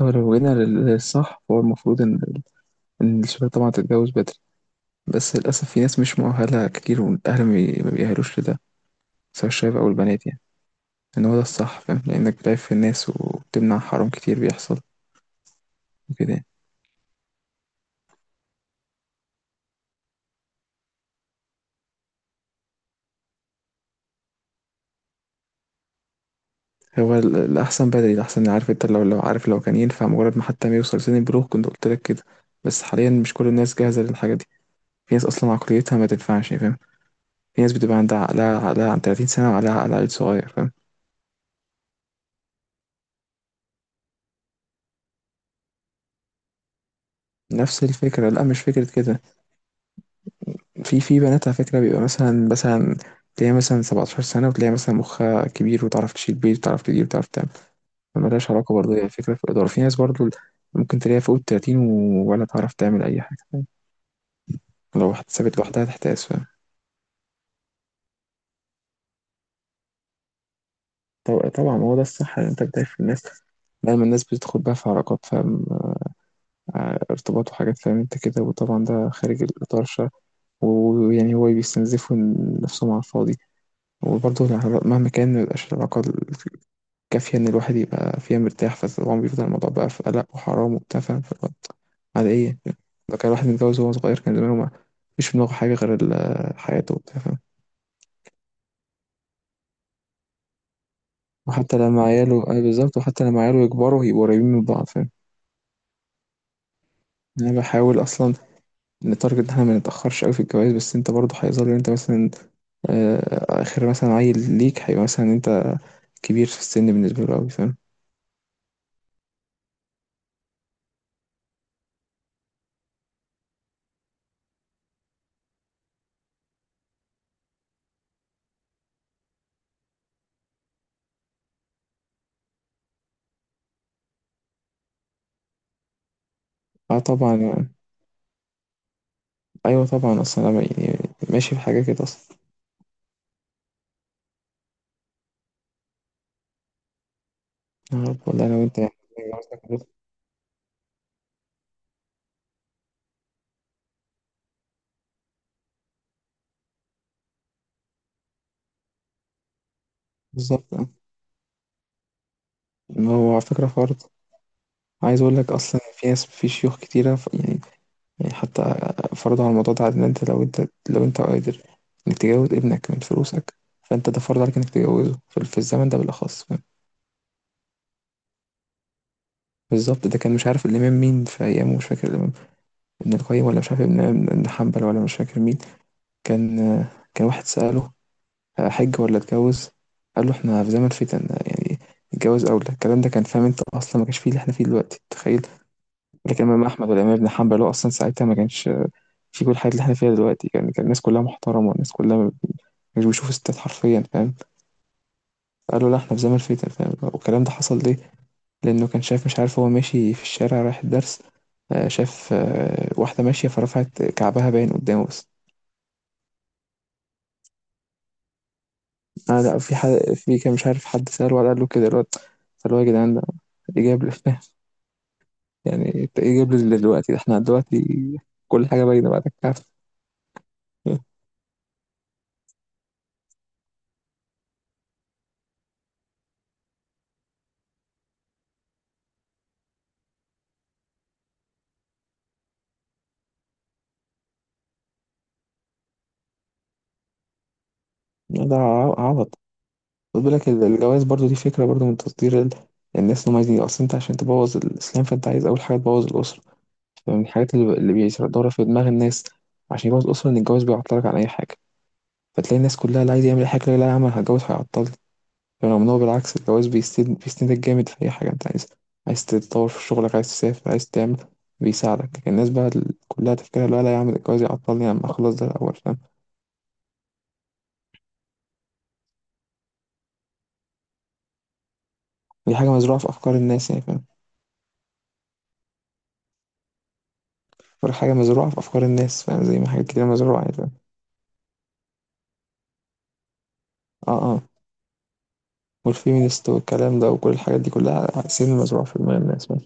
هو لو جينا للصح، فهو المفروض إن الشباب طبعا تتجوز بدري. بس للأسف في ناس مش مؤهلة كتير، والأهل ما بيأهلوش لده، سواء الشباب أو البنات، يعني إن هو ده الصح، فاهم؟ لأنك بتعرف في الناس، وبتمنع حرام كتير بيحصل وكده يعني. هو الأحسن بدري، الأحسن، عارف أنت؟ لو عارف، لو كان ينفع مجرد ما حتى ما يوصل سن البلوغ كنت قلت لك كده. بس حاليا مش كل الناس جاهزة للحاجة دي. في ناس أصلا عقليتها ما تنفعش يعني، فاهم؟ في ناس بتبقى عندها عقلها عن 30 سنة وعقلها عقل عيل صغير، فاهم؟ نفس الفكرة، لا مش فكرة كده. في بنات على فكرة بيبقى مثلا تلاقيها مثلا 17 سنة، وتلاقيها مثلا مخها كبير، وتعرف تشيل بيت، وتعرف تدير، وتعرف تعمل. ملهاش علاقة، برضه هي فكرة في الإدارة. في ناس برضه ممكن تلاقيها فوق التلاتين ولا تعرف تعمل أي حاجة، فاهم؟ لو اتسابت لوحدها تحتاس، فاهم؟ طبعا هو ده الصح، إن أنت بتعرف الناس. دايما الناس بتدخل بقى في علاقات، فاهم؟ ارتباط وحاجات، فاهم أنت كده، وطبعا ده خارج الإطار الشرعي. ويعني هو بيستنزفوا نفسهم على الفاضي. وبرضه مهما كان مبيبقاش العلاقة كافية إن الواحد يبقى فيها مرتاح، فطبعا بيفضل الموضوع بقى في قلق وحرام وبتاع، فاهم؟ فاللي هو على إيه، لو كان الواحد متجوز وهو صغير كان زمانه ما فيش في دماغه حاجة غير حياته وبتاع، فاهم؟ وحتى لما عياله، آه بالظبط، وحتى لما عياله يكبروا هيبقوا قريبين من بعض، فاهم؟ أنا بحاول أصلا نتارجت إن إحنا ما نتأخرش أوي في الجواز، بس أنت برضه هيظل أنت مثلا آخر مثلا عيل ليك هيبقى مثلا أنت كبير في السن بالنسبة له أوي، فاهم؟ اه طبعا. أيوه طبعا، أصلا أنا يعني ماشي في حاجة كده أصلا. والله لو انت محتاج جوازك كله. بالظبط آه. هو على فكرة فرض. عايز اقول لك اصلا في ناس، في شيوخ كتيرة يعني، يعني حتى فرضوا على الموضوع ده، ان انت لو انت قادر انك تجوز ابنك من فلوسك، فانت ده فرض عليك انك تجوزه في الزمن ده بالاخص، فاهم؟ بالظبط، ده كان مش عارف الامام مين في ايامه، مش فاكر الامام ابن القيم ولا مش عارف ابن حنبل ولا مش فاكر مين، كان آه، كان واحد سأله هحج ولا اتجوز؟ قال له احنا في زمن فتن يعني، اتجوز اولى. الكلام ده كان، فاهم انت، اصلا ما كانش فيه اللي احنا فيه دلوقتي، تخيل. لكن امام احمد والامام ابن حنبل، هو اصلا ساعتها ما كانش في كل الحاجات اللي احنا فيها دلوقتي، كان الناس كلها محترمه، والناس كلها مش بيشوفوا ستات حرفيا، فاهم؟ قالوا لا احنا في زمن فتن، فاهم؟ والكلام ده حصل ليه؟ لانه كان شايف، مش عارف، هو ماشي في الشارع رايح الدرس، شاف واحده ماشيه فرفعت كعبها باين قدامه بس. انا لا، في حد، في كان مش عارف حد سأله ولا قال له كده الواد، فاللي هو يا جدعان، ده ايه جاب لي؟ فاهم، يعني انت ايه جايب لي دلوقتي؟ احنا دلوقتي كل حاجه باينه بعد الكعف. ده عبط. خد بالك الجواز برضو، دي فكره برضو من تطوير الناس اللي هم عايزين، اصل انت عشان تبوظ الاسلام فانت عايز اول حاجه تبوظ الاسره. فمن الحاجات اللي بيدور في دماغ الناس عشان يبوظ الاسره، ان الجواز بيعطلك عن اي حاجه، فتلاقي الناس كلها لا عايز يعمل أي حاجه، لا لا يا عم، أنا هتجوز هيعطلني، رغم ان هو بالعكس، الجواز بيسندك جامد في اي حاجه انت عايزها، عايز تتطور في شغلك، عايز تسافر، عايز تعمل. بيساعدك. الناس بقى كلها تفكيرها لا لا يا عم، ده الجواز يعطلني، اما اخلص ده الاول، فاهم؟ دي حاجه مزروعه في افكار الناس يعني، فاهم؟ بقول لك حاجه مزروعه في افكار الناس، فاهم؟ زي ما حاجات كتير مزروعه يعني، فاهم؟ اه، اه. والفيمينست والكلام ده وكل الحاجات دي كلها سن مزروعه في دماغ الناس، فاهم؟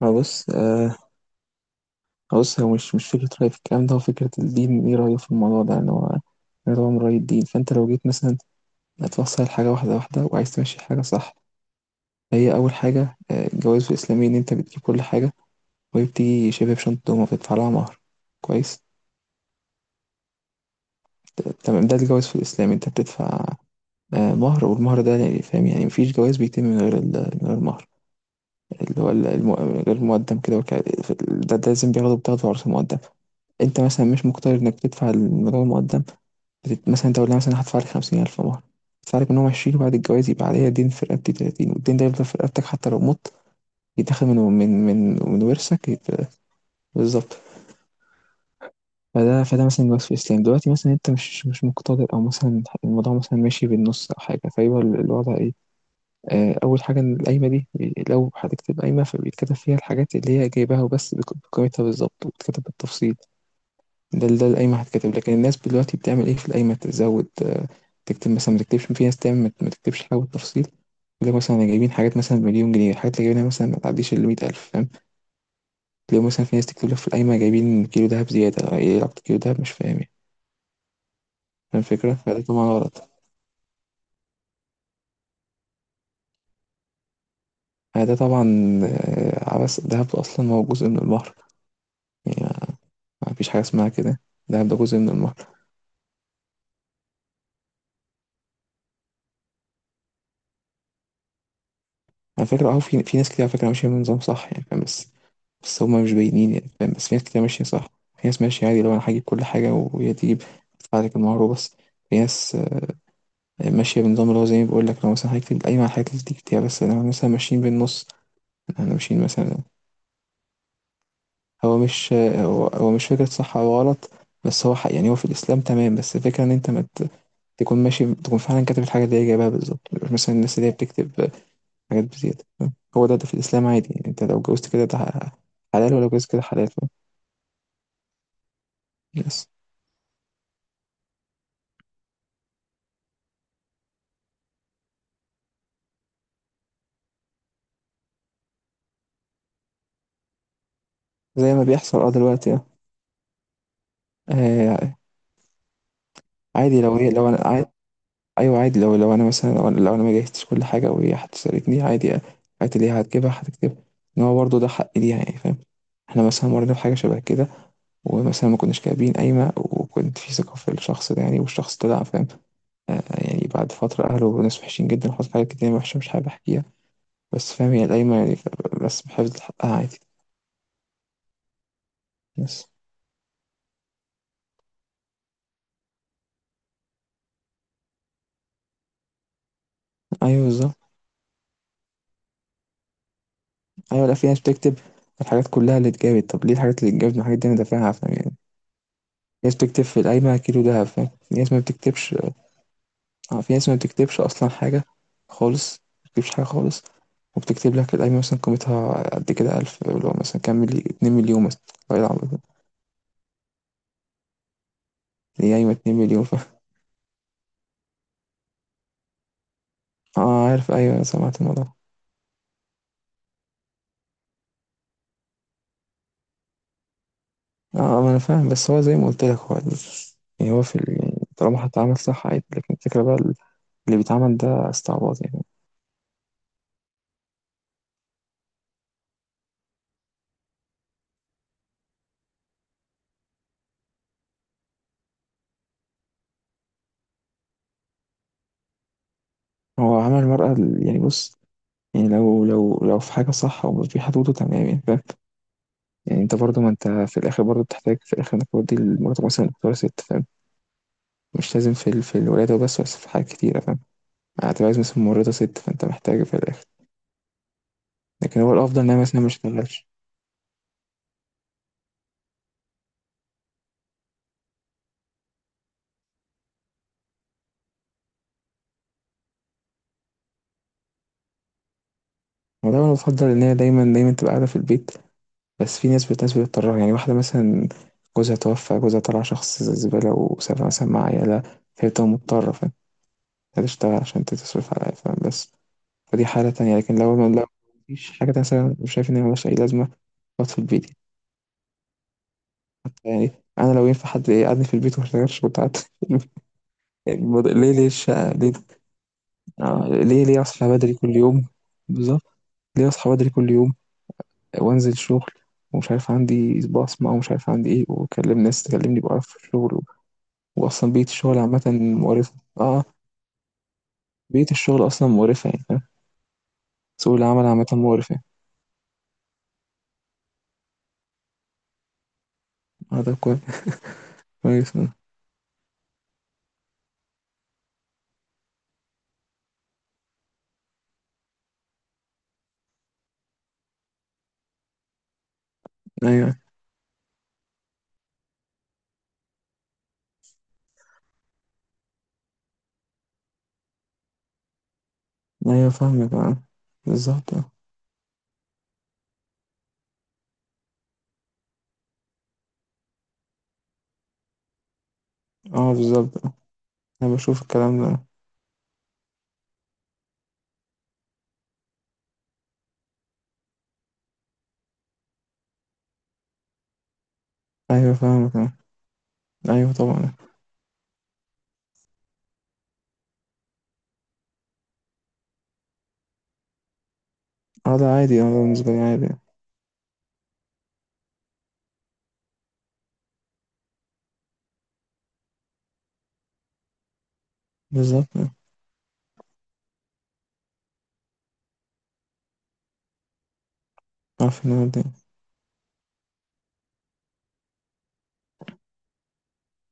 ما بص، آه، بص، هو مش فكره رأي في الكلام ده، هو فكره الدين ايه رايه في الموضوع ده، ان هو انا طبعا من رأي الدين. فانت لو جيت مثلا هتوصل حاجة واحدة واحدة، وعايز تمشي حاجة صح. هي أول حاجة، الجواز الإسلامي إن أنت بتجيب كل حاجة وهي بتيجي شبه بشنطة، وما بتدفع لها مهر. كويس. تمام، ده الجواز في الإسلام، أنت بتدفع مهر، والمهر ده يعني فاهم؟ يعني مفيش جواز بيتم من غير من غير مهر، اللي هو غير المقدم كده، في ده لازم بتاخده عرض المقدم. انت مثلا مش مقتدر انك تدفع المبلغ المقدم، مثلا انت، قلنا مثلا هدفع لك 50,000 مهر، هدفع لك منهم عشرين، وبعد الجواز يبقى عليا دين في رقبتي تلاتين، والدين ده يفضل في رقبتك حتى لو مت، يتاخد من ورثك، بالظبط. فده مثلا الوصف في الإسلام. دلوقتي مثلا انت مش مقتدر، او مثلا الموضوع مثلا ماشي بالنص او حاجة، فيبقى الوضع إيه؟ أول حاجة إن القايمة دي، لو هتكتب قايمة، فبيتكتب فيها الحاجات اللي هي جايباها وبس، بقيمتها بالظبط، وبتكتب بالتفصيل. ده القايمة هتكتب. لكن الناس دلوقتي بتعمل إيه في القايمة؟ تزود، تكتب مثلا ما تكتبش، في ناس تعمل ما تكتبش حاجة بالتفصيل، لو مثلا أنا جايبين حاجات مثلا مليون جنيه، الحاجات اللي جايبينها مثلا ما تعديش ال 100,000، فاهم؟ لو مثلا في ناس تكتب لك في القايمة جايبين كيلو دهب زيادة، إيه علاقة كيلو دهب؟ مش فاهم يعني، فاهم الفكرة؟ فده طبعا غلط. فده طبعا عبث. الدهب أصلا هو جزء من البحر، يعني مفيش حاجة اسمها كده، ده جزء من المهر. على فكرة اه، في ناس كتير على فكرة ماشية بنظام صح، يعني فاهم؟ بس، بس هما مش باينين يعني، فاهم؟ بس في ناس كتير ماشية صح. في ناس ماشية عادي، لو أنا هجيب كل حاجة وهي تجيب، أدفع لك المهر وبس. في ناس ماشية بنظام اللي هو، زي ما بقول لك، لو مثلا هيكتب القايمة على الحاجات اللي تكتبها، بس أنا مثلا ماشيين بالنص. احنا ماشيين مثلا، هو مش فكرة صح أو غلط، بس هو حق يعني، هو في الإسلام تمام. بس الفكرة إن أنت ما ت- تكون ماشي، تكون فعلا كاتب الحاجة اللي هي جايبها بالظبط، مش مثلا الناس اللي هي بتكتب حاجات بزيادة، فاهم؟ هو ده في الإسلام عادي. يعني أنت لو جوزت كده ده حلال، ولو جوزت كده حلال، فاهم؟ بس زي ما بيحصل دلوقتي آه، عادي، لو أنا عادي. أيوه عادي، لو أنا مثلا، لو أنا ما جهزتش كل حاجة وهي هتسألتني عادي، الحاجات اللي هي هتجيبها هتكتبها، إن هو برضه ده حق ليها، يعني فاهم؟ احنا مثلا مرينا بحاجة شبه كده، ومثلا ما كناش كاتبين قايمة، وكنت في ثقة في الشخص ده، يعني والشخص طلع فاهم، يعني بعد فترة أهله ناس وحشين جدا، وحصل حاجات كتير وحشة مش حابب أحكيها. بس فاهم هي القايمة يعني، بس بحفظ حقها عادي. بس أيوه بالظبط. أيوه لا في ناس بتكتب الحاجات كلها اللي اتجابت. طب ليه الحاجات اللي اتجابت والحاجات دي أنا دافعها، فاهم يعني؟ في ناس بتكتب في القايمة كيلو دهب، فاهم؟ في ناس ما بتكتبش. اه، في ناس ما بتكتبش أصلا حاجة خالص، ما بتكتبش حاجة خالص، وبتكتب لك القايمة مثلا قيمتها قد كده ألف، اللي هو مثلا كام، 2 مليون مثلا. والله العظيم. دي قايمة 2 مليون، فاهم؟ اه، عارف، أيوه سمعت الموضوع. اه ما انا فاهم، بس هو زي ما قلت لك هو يعني طالما هتتعامل صح عادي، لكن الفكرة بقى اللي بيتعمل ده استعباط يعني. هو عمل المرأة يعني بص، يعني لو في حاجة صح ومش في حدوده تمام، يعني فاهم؟ يعني انت برضو، ما انت في الاخر برضو بتحتاج في الاخر انك تودي مراتك مثلا دكتورة ست، فاهم؟ مش لازم في في الولادة وبس، بس في حاجات كتيرة، فاهم؟ هتبقى عايز مثلا ممرضة ست، فانت محتاج في الاخر. لكن هو الافضل ان هي مثلا ما تشتغلش. وده انا بفضل ان هي دايما دايما تبقى قاعدة في البيت. بس في ناس، بتضطر يعني، واحدة مثلا جوزها توفى، جوزها طلع شخص زبالة وسابها مثلا مع عيالها، فهي بتبقى مضطرة، فاهم؟ تشتغل عشان تصرف على العيال، فاهم؟ بس فدي حالة تانية. لكن لو ما لو مفيش حاجة تانية مثلا، مش شايف إن هي ملهاش أي لازمة، أقعد في البيت. يعني أنا لو ينفع حد يقعدني في البيت وما اشتغلش كنت قعدت في البيت. يعني ليه الشقة؟ ليه ليه أصحى بدري كل يوم؟ بالظبط. ليه اصحى بدري كل يوم وانزل شغل ومش عارف عندي صباع اسمه ومش عارف عندي ايه، واكلم ناس تكلمني بقرف في الشغل. واصلا بيئه الشغل عامه مقرفه. اه. بيئه الشغل اصلا مقرفه، يعني فاهم؟ سوق العمل عامه مقرف يعني. اه ده كويس. كويس آه. ايوه، ايوه، فاهمك اه. بالظبط اه. آه، بالظبط آه. انا بشوف الكلام ده. ايوه فاهمك اه. ايوه طبعا. اه ده عادي، اه ده بالنسبه لي عادي. بالظبط آه. عارف ان هو ده